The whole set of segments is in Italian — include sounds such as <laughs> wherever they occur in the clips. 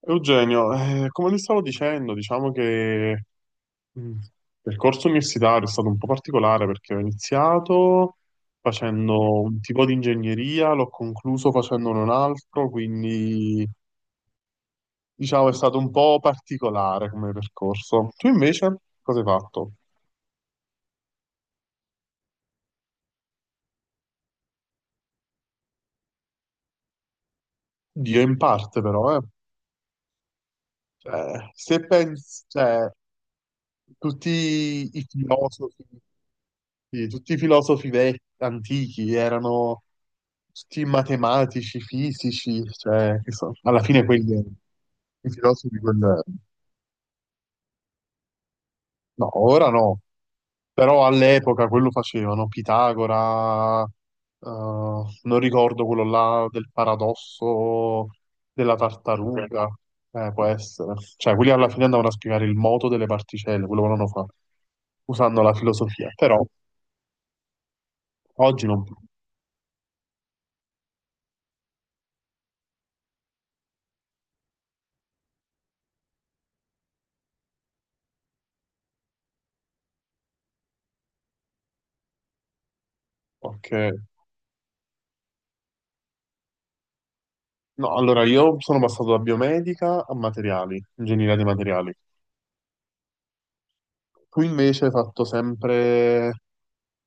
Eugenio, come ti stavo dicendo, diciamo che il percorso universitario è stato un po' particolare perché ho iniziato facendo un tipo di ingegneria, l'ho concluso facendone un altro, quindi diciamo è stato un po' particolare come percorso. Tu invece cosa hai fatto? Dio in parte però, eh. Cioè, se pensi, cioè, tutti i filosofi. Sì, tutti i filosofi vecchi, antichi erano tutti matematici, fisici, cioè, che alla fine quelli erano i filosofi, quel... No, ora no, però all'epoca quello facevano, Pitagora, non ricordo quello là del paradosso della tartaruga, può essere, cioè quelli alla fine andavano a spiegare il moto delle particelle, quello volevano fare, usando la filosofia, però oggi non più. Ok. No, allora io sono passato da biomedica a materiali, ingegneria dei materiali. Tu invece hai fatto sempre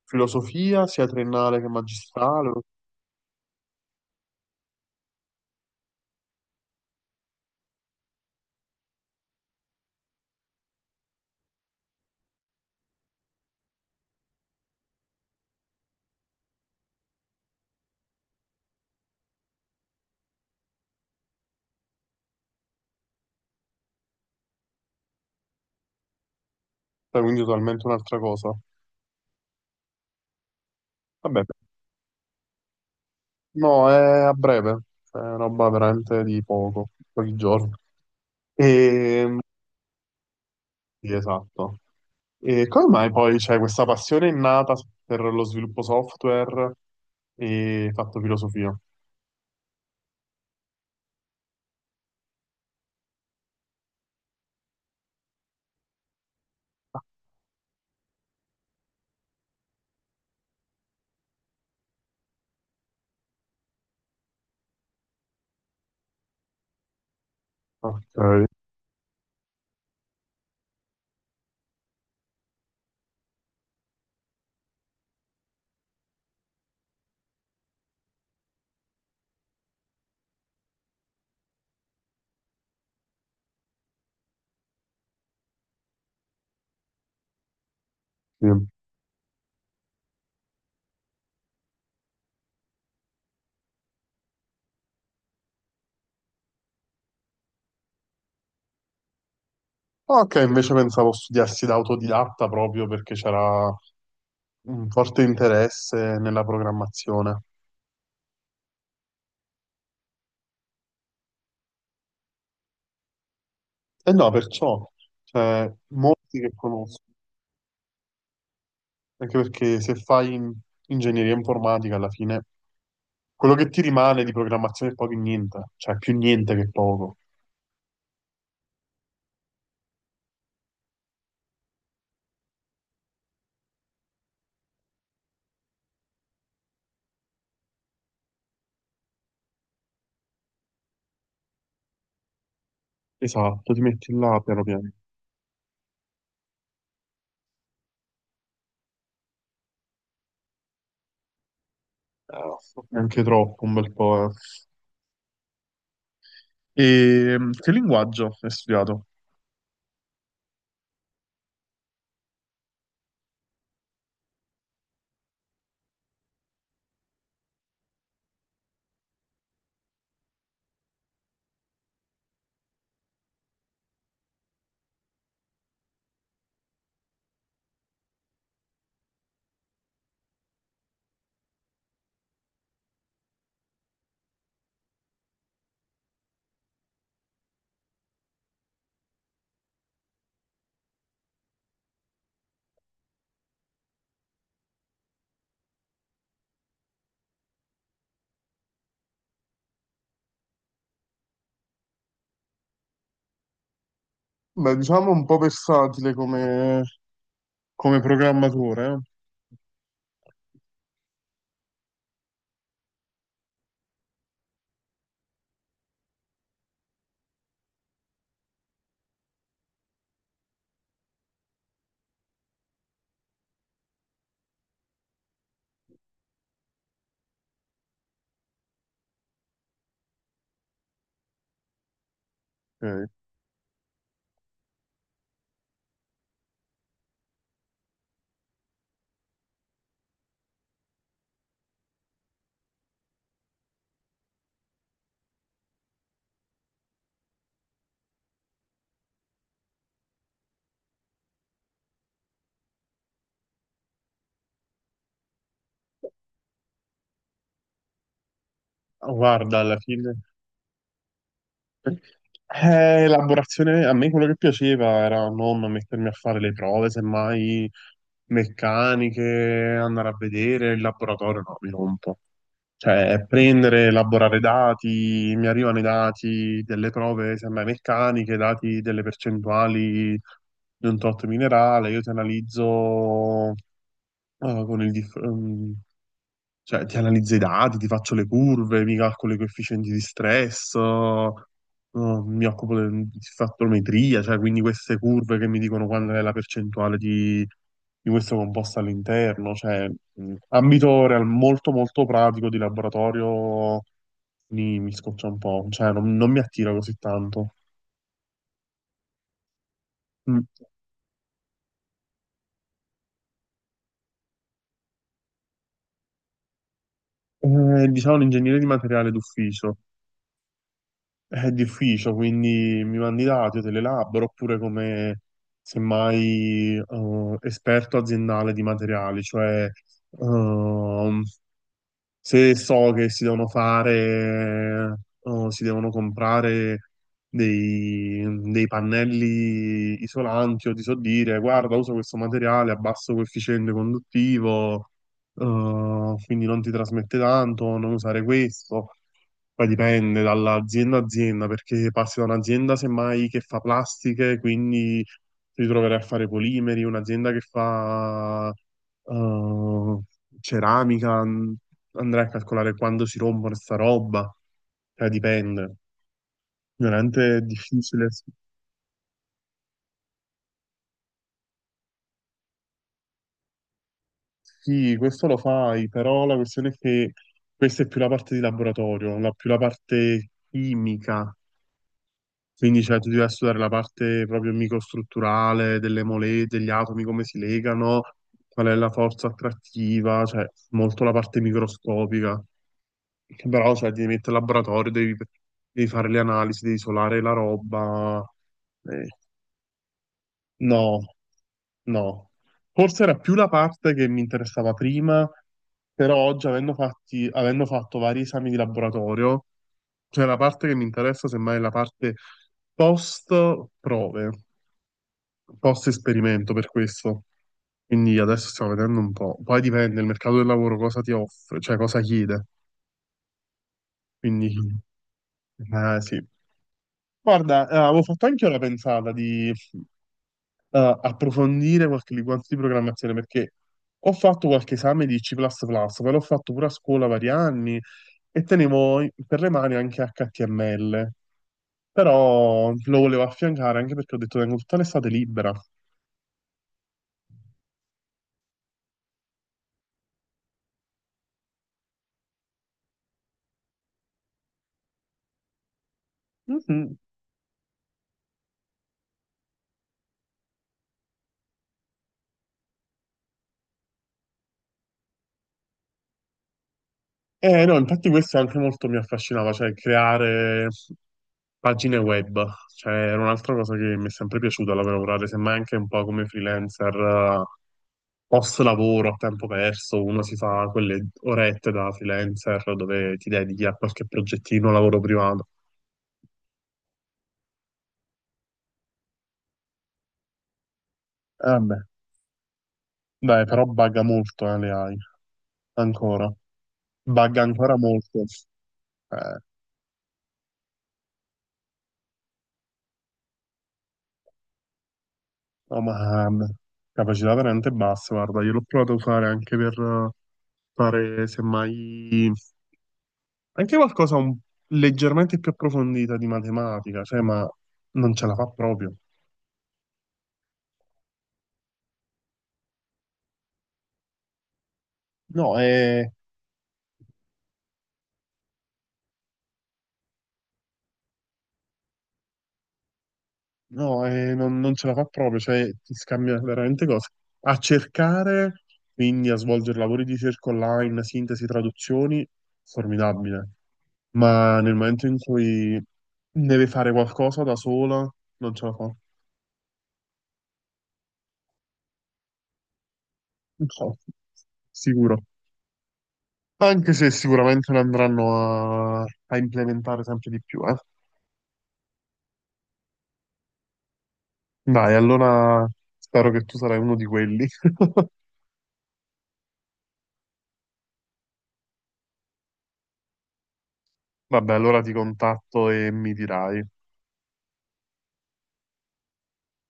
filosofia, sia triennale che magistrale, cioè, quindi totalmente un'altra cosa. Vabbè, no, è a breve, cioè, è roba veramente di poco, pochi giorni. E... Sì, esatto. E come mai poi c'è questa passione innata per lo sviluppo software e hai fatto filosofia? Ok, sì. Ok, invece pensavo studiassi da autodidatta proprio perché c'era un forte interesse nella programmazione. E no, perciò, cioè, molti che conosco, anche perché se fai ingegneria informatica alla fine, quello che ti rimane di programmazione è poco e niente, cioè più niente che poco. Esatto, ti metti là piano piano. Eh, Anche troppo, un bel po'. Eh. E che linguaggio hai studiato? Beh, diciamo un po' versatile come programmatore, eh? Ok. Guarda, alla fine, elaborazione, a me quello che piaceva era non mettermi a fare le prove, semmai meccaniche, andare a vedere il laboratorio, no, mi rompo. Cioè, prendere, elaborare dati, mi arrivano i dati delle prove, semmai meccaniche, dati delle percentuali di un tot minerale, io ti analizzo con il, cioè, ti analizzo i dati, ti faccio le curve, mi calcolo i coefficienti di stress, mi occupo di fattometria, cioè quindi queste curve che mi dicono qual è la percentuale di questo composto all'interno, cioè ambito molto molto pratico di laboratorio mi, mi scoccia un po', cioè non, non mi attira così tanto. Mm. Diciamo un ingegnere di materiale d'ufficio. È d'ufficio, quindi mi mandi i dati, io te li elaboro, oppure come semmai esperto aziendale di materiali, cioè ehm, se so che si devono fare o si devono comprare dei, dei pannelli isolanti o ti so dire, guarda, uso questo materiale a basso coefficiente conduttivo, quindi non ti trasmette tanto, non usare questo. Poi dipende dall'azienda a azienda, perché passi da un'azienda semmai che fa plastiche, quindi ti troverai a fare polimeri, un'azienda che fa eh, ceramica, andrai a calcolare quando si rompono sta roba, cioè dipende. Veramente è difficile. Sì, questo lo fai, però la questione è che questa è più la parte di laboratorio, la, più la parte chimica. Quindi cioè, tu devi studiare la parte proprio microstrutturale delle mole, degli atomi, come si legano, qual è la forza attrattiva, cioè molto la parte microscopica. Che però cioè, ti devi mettere al laboratorio, devi, devi fare le analisi, devi isolare la roba. Eh. No, no. Forse era più la parte che mi interessava prima, però oggi, avendo fatto vari esami di laboratorio, cioè la parte che mi interessa semmai è la parte post prove, post esperimento per questo. Quindi adesso stiamo vedendo un po'. Poi dipende, il mercato del lavoro cosa ti offre, cioè cosa chiede. Quindi, <laughs> sì. Guarda, avevo fatto anche io la pensata di approfondire qualche linguaggio di programmazione perché ho fatto qualche esame di C++, ma l'ho fatto pure a scuola vari anni e tenevo per le mani anche HTML, però lo volevo affiancare anche perché ho detto tengo tutta l'estate libera. Mhm. No, infatti questo anche molto mi affascinava, cioè creare pagine web, cioè era un'altra cosa che mi è sempre piaciuta da lavorare, semmai anche un po' come freelancer, post lavoro a tempo perso, uno si fa quelle orette da freelancer dove ti dedichi a qualche progettino, lavoro privato. Vabbè, dai, però bugga molto le AI, ancora, bugga ancora molto. Eh, no, ma capacità veramente bassa, guarda, io l'ho provato a usare anche per... fare semmai anche leggermente più approfondita di matematica, cioè, ma non ce la fa proprio. No, no, non, non ce la fa proprio, cioè ti scambia veramente cose. A cercare, quindi a svolgere lavori di ricerca online, sintesi, traduzioni, formidabile. Ma nel momento in cui deve fare qualcosa da sola, non ce la fa. No, sicuro. Anche se sicuramente ne andranno a implementare sempre di più, eh. Dai, allora spero che tu sarai uno di quelli. <laughs> Vabbè, allora ti contatto e mi dirai.